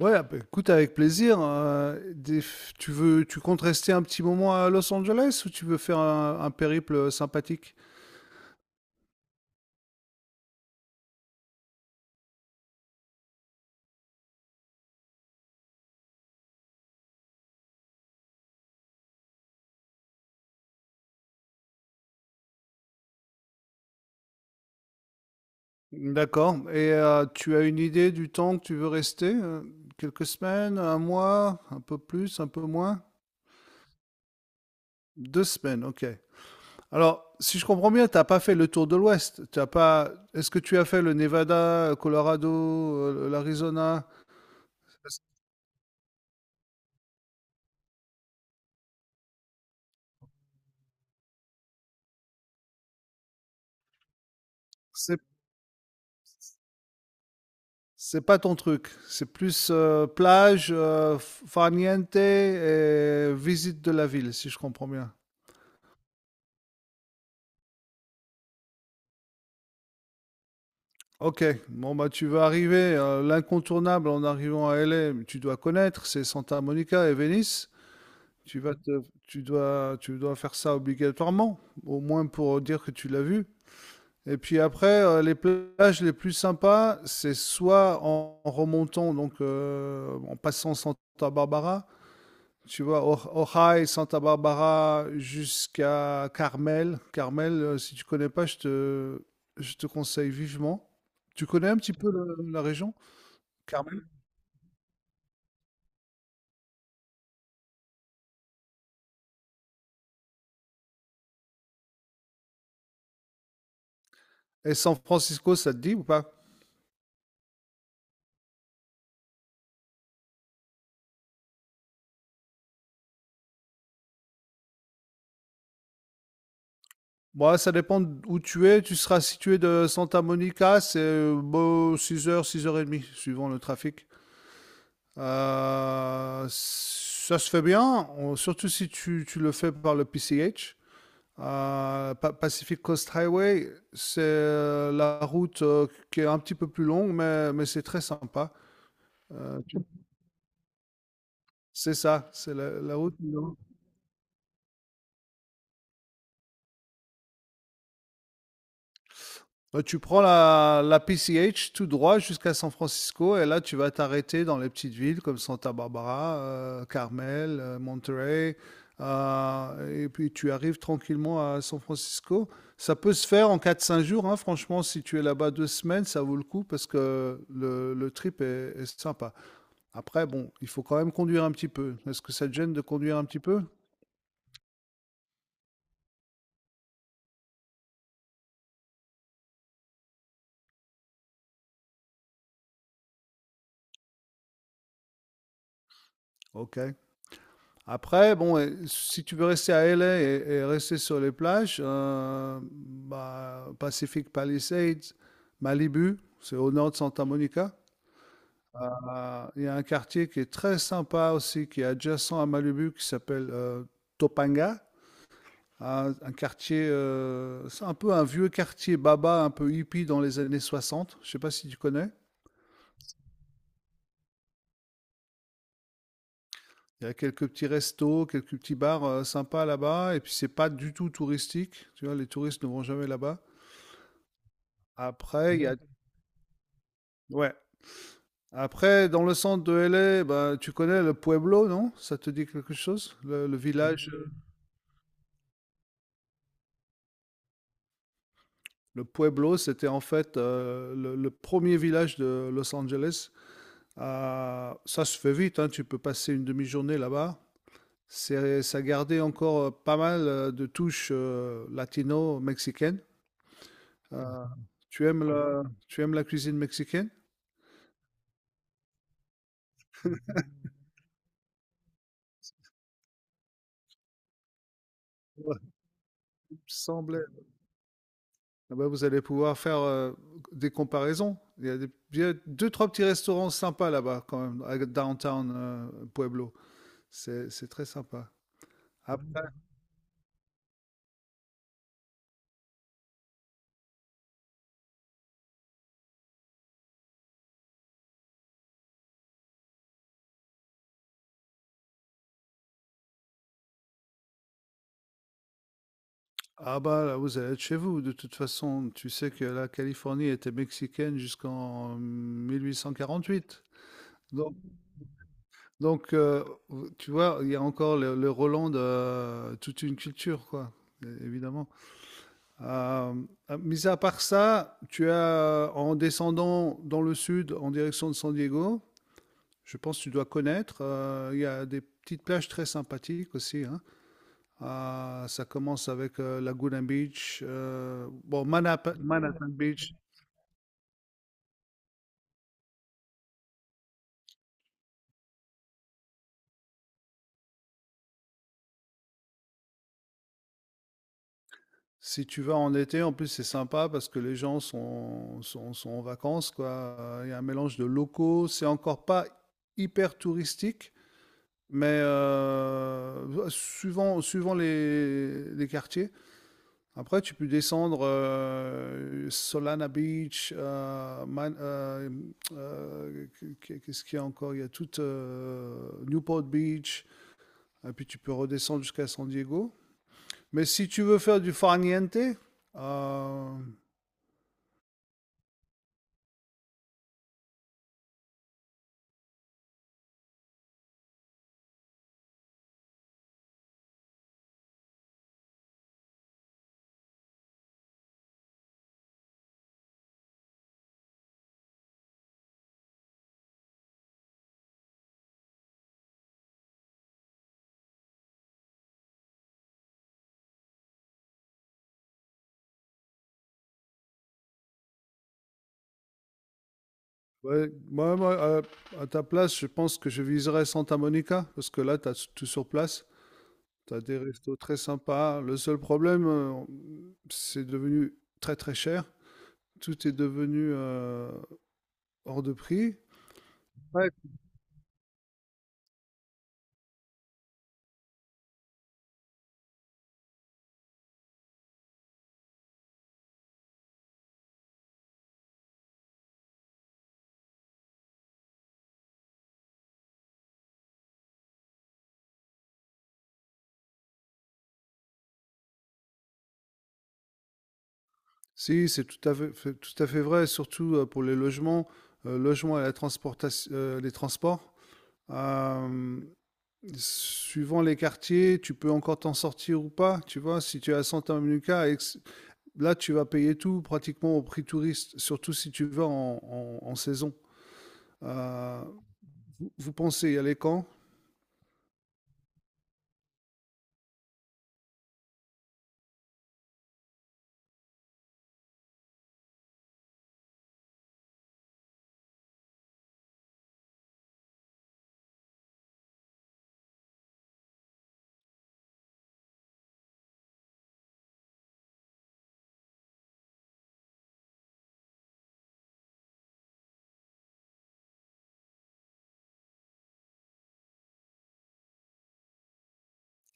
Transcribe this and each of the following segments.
Ouais, ah bah, écoute, avec plaisir. Tu comptes rester un petit moment à Los Angeles ou tu veux faire un périple sympathique? D'accord. Et tu as une idée du temps que tu veux rester? Quelques semaines, un mois, un peu plus, un peu moins? 2 semaines, ok. Alors, si je comprends bien, t'as pas fait le tour de l'Ouest. T'as pas. Est-ce que tu as fait le Nevada, le Colorado, l'Arizona? C'est pas ton truc. C'est plus plage, farniente et visite de la ville, si je comprends bien. Ok, bon bah tu vas arriver, l'incontournable en arrivant à LA, tu dois connaître, c'est Santa Monica et Venice. Tu vas te- tu dois faire ça obligatoirement, au moins pour dire que tu l'as vu. Et puis après, les plages les plus sympas, c'est soit en remontant, donc en passant Santa Barbara, tu vois, Ojai, Santa Barbara jusqu'à Carmel. Carmel, si tu connais pas, je te conseille vivement. Tu connais un petit peu la région, Carmel? Et San Francisco, ça te dit ou pas? Bon, ça dépend où tu es. Tu seras situé de Santa Monica, c'est bon, 6 heures, 6h30, suivant le trafic. Ça se fait bien, surtout si tu le fais par le PCH. Pacific Coast Highway, c'est la route qui est un petit peu plus longue, mais c'est très sympa. Euh, tu- c'est ça, c'est la route plus longue. Tu prends la PCH tout droit jusqu'à San Francisco et là tu vas t'arrêter dans les petites villes comme Santa Barbara, Carmel, Monterey, et puis tu arrives tranquillement à San Francisco. Ça peut se faire en quatre cinq jours, hein, franchement, si tu es là-bas 2 semaines, ça vaut le coup parce que le trip est sympa. Après, bon, il faut quand même conduire un petit peu. Est-ce que ça te gêne de conduire un petit peu? Ok. Après, bon, et si tu veux rester à LA et rester sur les plages, bah, Pacific Palisades, Malibu, c'est au nord de Santa Monica. Il y a un quartier qui est très sympa aussi, qui est adjacent à Malibu, qui s'appelle Topanga. Un quartier, c'est un peu un vieux quartier baba, un peu hippie dans les années 60. Je sais pas si tu connais. Il y a quelques petits restos, quelques petits bars sympas là-bas. Et puis, c'est pas du tout touristique. Tu vois, les touristes ne vont jamais là-bas. Après, il y a. Ouais. Après, dans le centre de LA, bah, tu connais le Pueblo, non? Ça te dit quelque chose? Le village, le Pueblo, c'était en fait le premier village de Los Angeles. Ça se fait vite, hein, tu peux passer une demi-journée là-bas. C'est, ça gardait encore pas mal de touches latino-mexicaines. Euh, tu aimes la cuisine mexicaine? Ouais, il me semblait. Ah bah, vous allez pouvoir faire des comparaisons. Il y a deux, trois petits restaurants sympas là-bas, quand même, à downtown Pueblo. C'est très sympa. Après, ah bah là, vous allez être chez vous. De toute façon, tu sais que la Californie était mexicaine jusqu'en 1848. Donc, donc, tu vois, il y a encore le Roland de toute une culture, quoi, évidemment. Euh, mis à part ça, tu as, en descendant dans le sud, en direction de San Diego, je pense que tu dois connaître, il y a des petites plages très sympathiques aussi, hein. Ça commence avec Laguna Beach, bon, Manhattan Beach. Si tu vas en été, en plus, c'est sympa parce que les gens sont en vacances, quoi. Il y a un mélange de locaux, c'est encore pas hyper touristique, mais suivant les quartiers. Après, tu peux descendre, Solana Beach, Man qu'est-ce qu'il y a encore? Il y a toute, Newport Beach et puis tu peux redescendre jusqu'à San Diego. Mais si tu veux faire du farniente, ouais, moi, à ta place, je pense que je viserais Santa Monica parce que là, tu as tout sur place. T'as des restos très sympas. Le seul problème, c'est devenu très très cher. Tout est devenu hors de prix. Ouais. Si, c'est tout à fait vrai, surtout pour les logements, logements et la transportation, les transports. Euh, suivant les quartiers, tu peux encore t'en sortir ou pas. Tu vois, si tu es à Santa Monica, et que là, tu vas payer tout pratiquement au prix touriste, surtout si tu vas en saison. Euh, vous pensez y aller quand?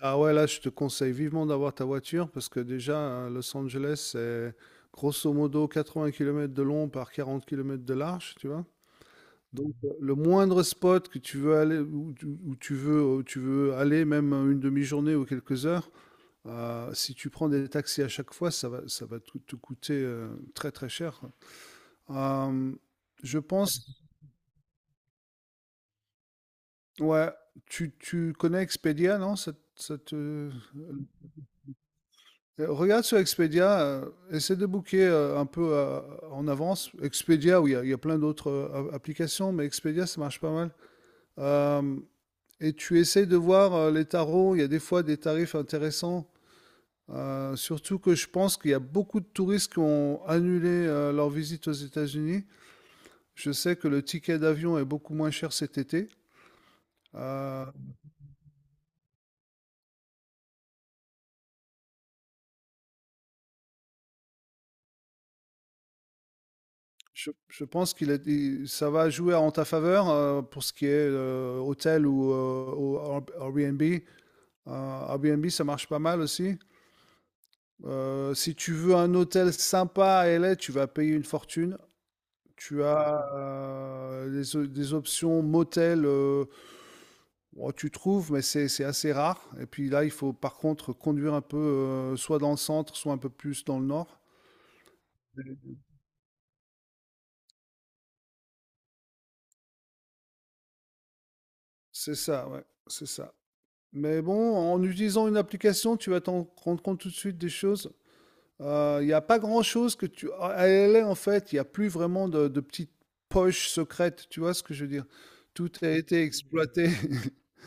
Ah ouais, là, je te conseille vivement d'avoir ta voiture parce que déjà, à Los Angeles, c'est grosso modo 80 km de long par 40 km de large, tu vois. Donc, le moindre spot que tu veux aller, où tu veux aller, même une demi-journée ou quelques heures, si tu prends des taxis à chaque fois, ça va te coûter très très cher. Euh, je pense, ouais, tu connais Expedia, non? Ça te. Regarde sur Expedia, essaie de booker, un peu, en avance. Expedia ou il y a plein d'autres, a applications, mais Expedia, ça marche pas mal. Hem et tu essaies de voir, les tarots, il y a des fois des tarifs intéressants, surtout que je pense qu'il y a beaucoup de touristes qui ont annulé, leur visite aux États-Unis. Je sais que le ticket d'avion est beaucoup moins cher cet été. Heu, je pense qu'il est i ça va jouer en ta faveur, pour ce qui est, hôtel ou Airbnb. Airbnb, ça marche pas mal aussi. Si tu veux un hôtel sympa à LA, tu vas payer une fortune. Tu as des options motel, bon, tu trouves, mais c'est assez rare. Et puis là, il faut par contre conduire un peu, soit dans le centre, soit un peu plus dans le nord. C'est ça, ouais, c'est ça. Mais bon, en utilisant une application, tu vas t'en rendre compte tout de suite des choses. Il n'y a pas grand-chose que tu. À LA, en fait, il n'y a plus vraiment de petites poches secrètes, tu vois ce que je veux dire? Tout a été exploité.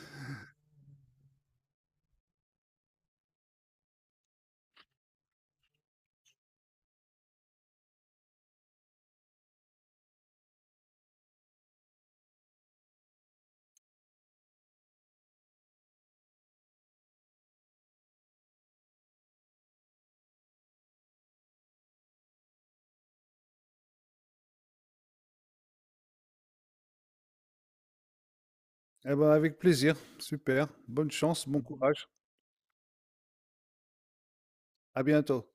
Eh ben, avec plaisir. Super. Bonne chance, bon courage. À bientôt.